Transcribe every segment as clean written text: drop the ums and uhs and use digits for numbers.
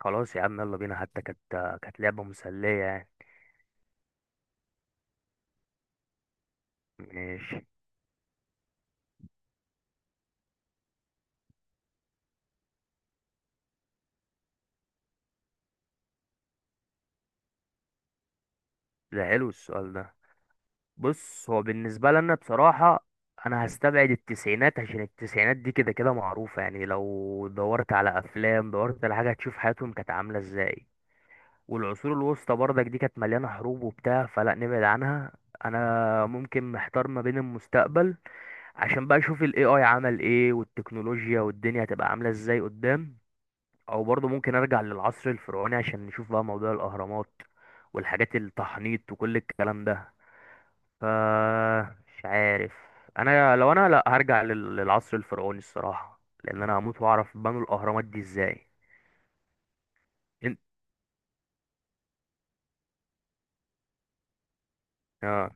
خلاص يا عم، يلا بينا. حتى كانت لعبة مسلية يعني. ماشي. ده حلو السؤال ده. بص، هو بالنسبة لنا بصراحة، أنا هستبعد التسعينات، عشان التسعينات دي كده كده معروفة، يعني لو دورت على أفلام، دورت على حاجة، هتشوف حياتهم كانت عاملة ازاي. والعصور الوسطى برضك دي كانت مليانة حروب وبتاع، فلا نبعد عنها. أنا ممكن محتار ما بين المستقبل، عشان بقى أشوف ال AI عمل ايه، والتكنولوجيا والدنيا هتبقى عاملة ازاي قدام، او برضه ممكن ارجع للعصر الفرعوني عشان نشوف بقى موضوع الاهرامات والحاجات، التحنيط وكل الكلام ده. ف مش عارف. انا لا، هرجع للعصر الفرعوني الصراحه، لان انا هموت واعرف بنوا الاهرامات دي ازاي. انت. اه.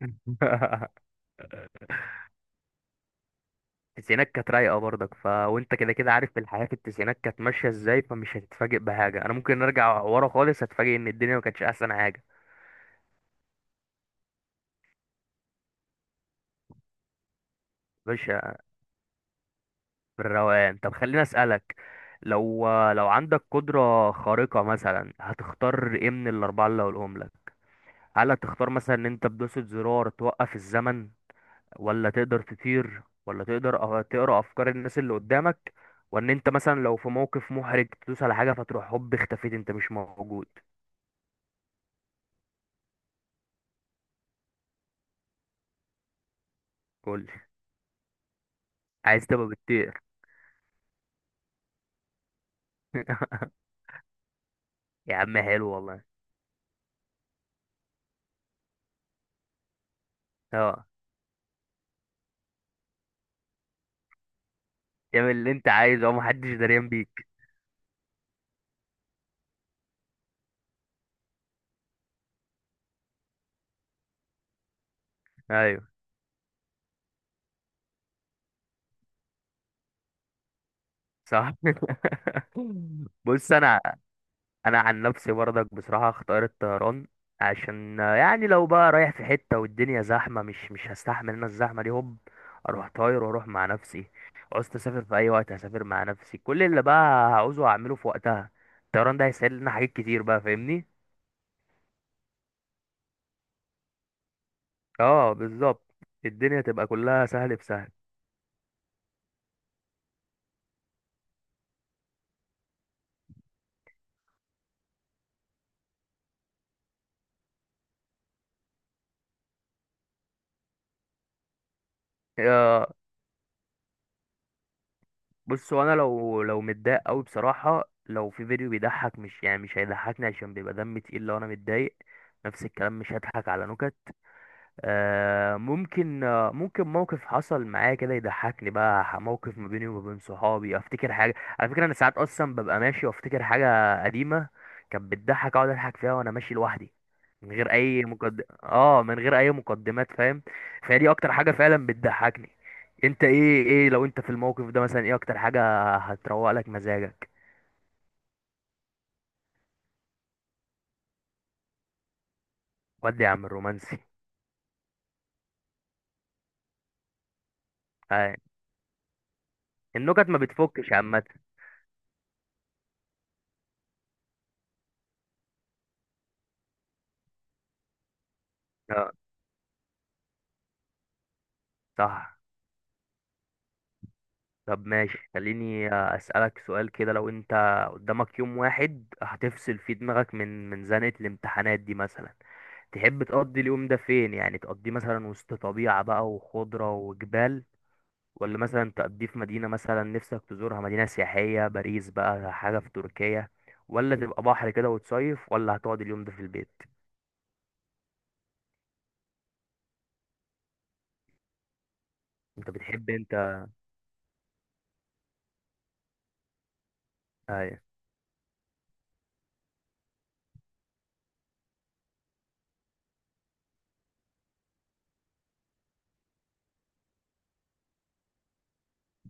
التسعينات كانت رايقه برضك، وانت كده كده عارف الحياه في التسعينات كانت ماشيه ازاي، فمش هتتفاجئ بحاجه. انا ممكن ارجع ورا خالص، هتفاجئ ان الدنيا ما كانتش احسن حاجه. مش بالروقان. طب خليني اسالك، لو عندك قدره خارقه مثلا، هتختار ايه من الاربعه اللي هقولهم لك؟ هل هتختار مثلا ان انت بدوسة زرار توقف الزمن، ولا تقدر تطير، ولا تقدر تقرا افكار الناس اللي قدامك، وان انت مثلا لو في موقف محرج تدوس على حاجه فتروح هوب اختفيت، انت مش موجود؟ قول. عايز تبقى بتطير؟ يا عم حلو والله. اه، اعمل اللي انت عايزه ومحدش دريان بيك. ايوه صح. بص، انا عن نفسي برضك بصراحه اختار الطيران، عشان يعني لو بقى رايح في حته والدنيا زحمه، مش هستحمل انا الزحمه دي، هوب اروح طاير واروح مع نفسي. عوزت اسافر في اي وقت هسافر مع نفسي، كل اللي بقى هعوزه هعمله في وقتها. الطيران ده هيسهل لنا حاجات كتير بقى، فاهمني؟ اه بالظبط. الدنيا تبقى كلها سهل في سهل. آه، بص، وانا لو متضايق قوي بصراحه، لو في فيديو بيضحك، مش يعني مش هيضحكني، عشان بيبقى دمي تقيل لو انا متضايق. نفس الكلام، مش هضحك على نكت. ممكن موقف حصل معايا كده يضحكني بقى، موقف ما بيني وما بين صحابي، افتكر حاجه. على فكره انا ساعات اصلا ببقى ماشي وافتكر حاجه قديمه كانت بتضحك، اقعد اضحك فيها وانا ماشي لوحدي، من غير اي مقدمات فاهم. فهي دي اكتر حاجه فعلا بتضحكني. انت ايه، لو انت في الموقف ده مثلا، ايه اكتر حاجه هتروق لك مزاجك؟ ودي يا عم الرومانسي. آه. النكت ما بتفكش عامه. اه صح. طب ماشي، خليني أسألك سؤال كده، لو أنت قدامك يوم واحد هتفصل فيه دماغك من زنقة الامتحانات دي مثلا، تحب تقضي اليوم ده فين؟ يعني تقضيه مثلا وسط طبيعة بقى، وخضرة وجبال، ولا مثلا تقضيه في مدينة مثلا نفسك تزورها، مدينة سياحية، باريس بقى، حاجة في تركيا، ولا تبقى بحر كده وتصيف، ولا هتقعد اليوم ده في البيت؟ أنت بتحب أنت. أيوه.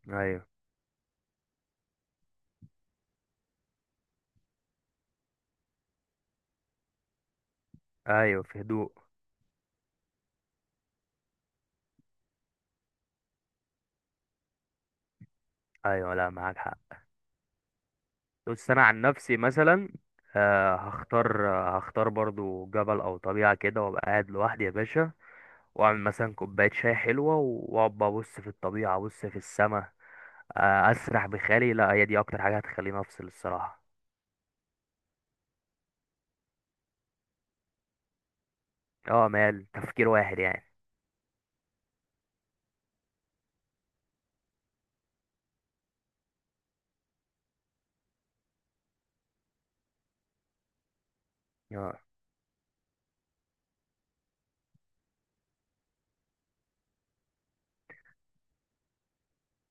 أيوه. أيوه في هدوء. أيوه، لا معاك حق. بص انا عن نفسي مثلا، هختار برضو جبل او طبيعه كده، وابقى قاعد لوحدي يا باشا، واعمل مثلا كوبايه شاي حلوه، واقعد بقى ابص في الطبيعه، ابص في السماء، اسرح بخيالي. لا، هي دي اكتر حاجه هتخليني افصل الصراحه. اه، مال تفكير واحد يعني. آه.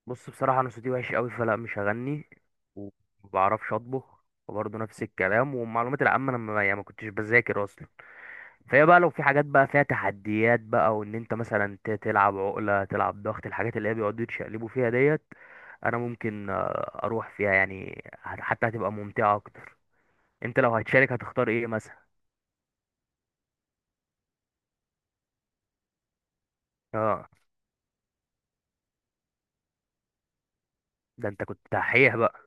بص، بصراحه انا صوتي وحش قوي، فلا مش هغني. ومبعرفش اطبخ. وبرضه نفس الكلام، والمعلومات العامه انا ما يعني ما كنتش بذاكر اصلا. فهي بقى لو في حاجات بقى فيها تحديات بقى، وان انت مثلا تلعب عقلة، تلعب ضغط، الحاجات اللي هي بيقعدوا يتشقلبوا فيها ديت، انا ممكن اروح فيها يعني، حتى هتبقى ممتعة اكتر. انت لو هتشارك هتختار ايه مثلا؟ اه. ده انت كنت دحيح بقى.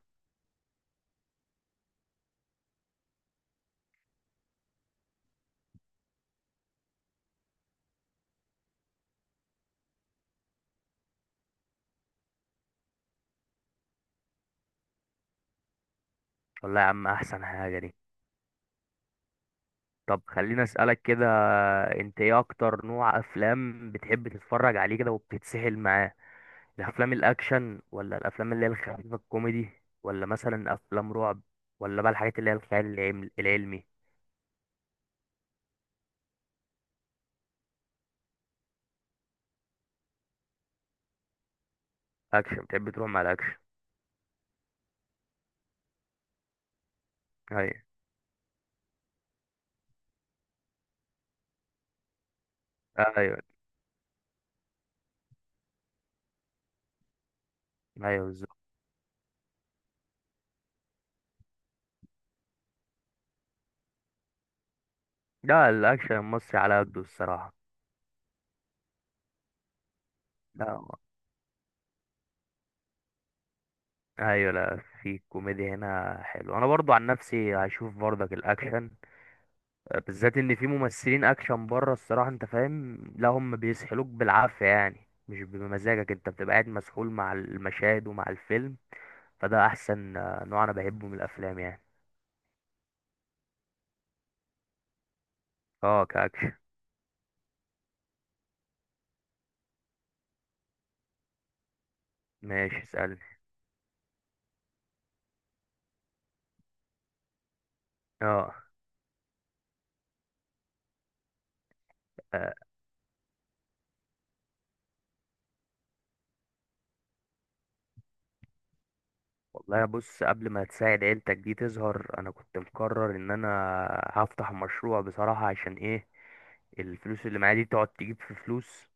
والله يا عم احسن حاجة دي. طب خليني اسألك كده، انت ايه اكتر نوع افلام بتحب تتفرج عليه كده وبتتسحل معاه؟ الافلام الاكشن، ولا الافلام اللي هي الخفيفة الكوميدي، ولا مثلا افلام رعب، ولا بقى الحاجات اللي هي الخيال العلمي؟ اكشن بتحب تروح مع الاكشن. ايوه. ايوه. ايوه بالظبط. لا، الاكشن المصري على قده الصراحه. لا. ايوه. لا، في كوميديا هنا حلو. انا برضو عن نفسي هشوف برضك الاكشن، بالذات ان في ممثلين اكشن بره الصراحه، انت فاهم، لا هم بيسحلوك بالعافيه يعني، مش بمزاجك انت، بتبقى قاعد مسحول مع المشاهد ومع الفيلم. فده احسن نوع انا بحبه من الافلام يعني. اه كاكشن. ماشي اسالني. اه. آه. والله بص، قبل ما تساعد عيلتك دي تظهر، انا كنت مقرر ان انا هفتح مشروع بصراحة. عشان ايه؟ الفلوس اللي معايا دي تقعد تجيب في فلوس،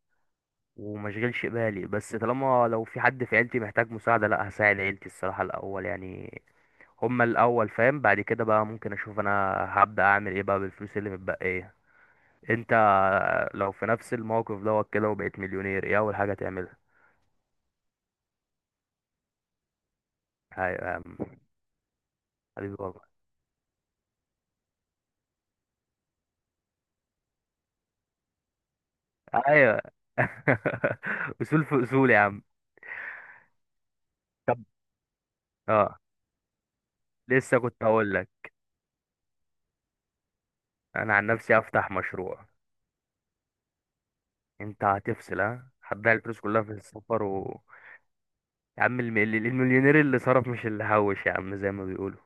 ومشغلش بالي، بس طالما لو في حد في عيلتي محتاج مساعدة، لا هساعد عيلتي الصراحة الاول يعني. هما الاول فاهم، بعد كده بقى ممكن اشوف انا هبدأ اعمل ايه بقى بالفلوس اللي متبقية. انت لو في نفس الموقف دوت كده وبقيت مليونير، ايه اول حاجة تعملها؟ ايوه يا عم. حبيبي والله. ايوه. اصول في اصول يا عم. كم. اه لسه كنت هقول لك، انا عن نفسي افتح مشروع. انت هتفصل، ها هتضيع الفلوس كلها في السفر يا عم، المليونير اللي صرف مش اللي هوش يا عم، زي ما بيقولوا.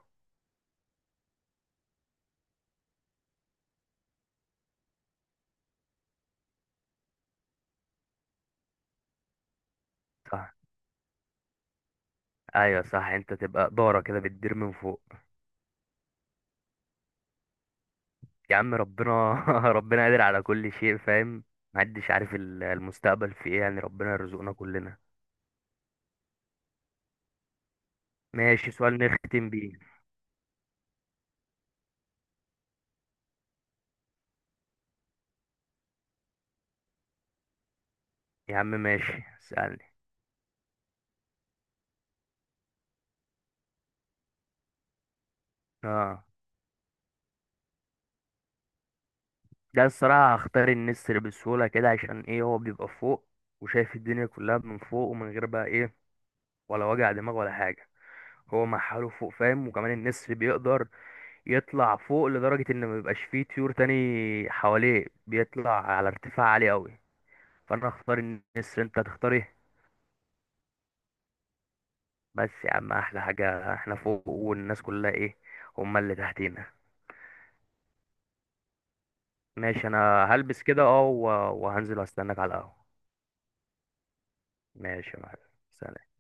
صح. ايوه صح، انت تبقى دارة كده بتدير من فوق. يا عم ربنا. ربنا قادر على كل شيء فاهم. محدش عارف المستقبل في ايه يعني، ربنا يرزقنا كلنا. ماشي، سؤال نختم بيه. يا عم ماشي. اسألني. اه. ده الصراحة هختار النسر بسهولة كده، عشان ايه؟ هو بيبقى فوق وشايف الدنيا كلها من فوق، ومن غير بقى ايه، ولا وجع دماغ ولا حاجة، هو مع حاله فوق فاهم. وكمان النسر بيقدر يطلع فوق لدرجة ان ما بيبقاش فيه طيور تاني حواليه، بيطلع على ارتفاع عالي قوي. فانا هختار النسر، انت هتختار ايه؟ بس يا عم احلى حاجة احنا فوق والناس كلها ايه، هما اللي تحتينا. ماشي انا هلبس كده اه وهنزل واستناك على القهوة. ماشي يا معلم. سلام.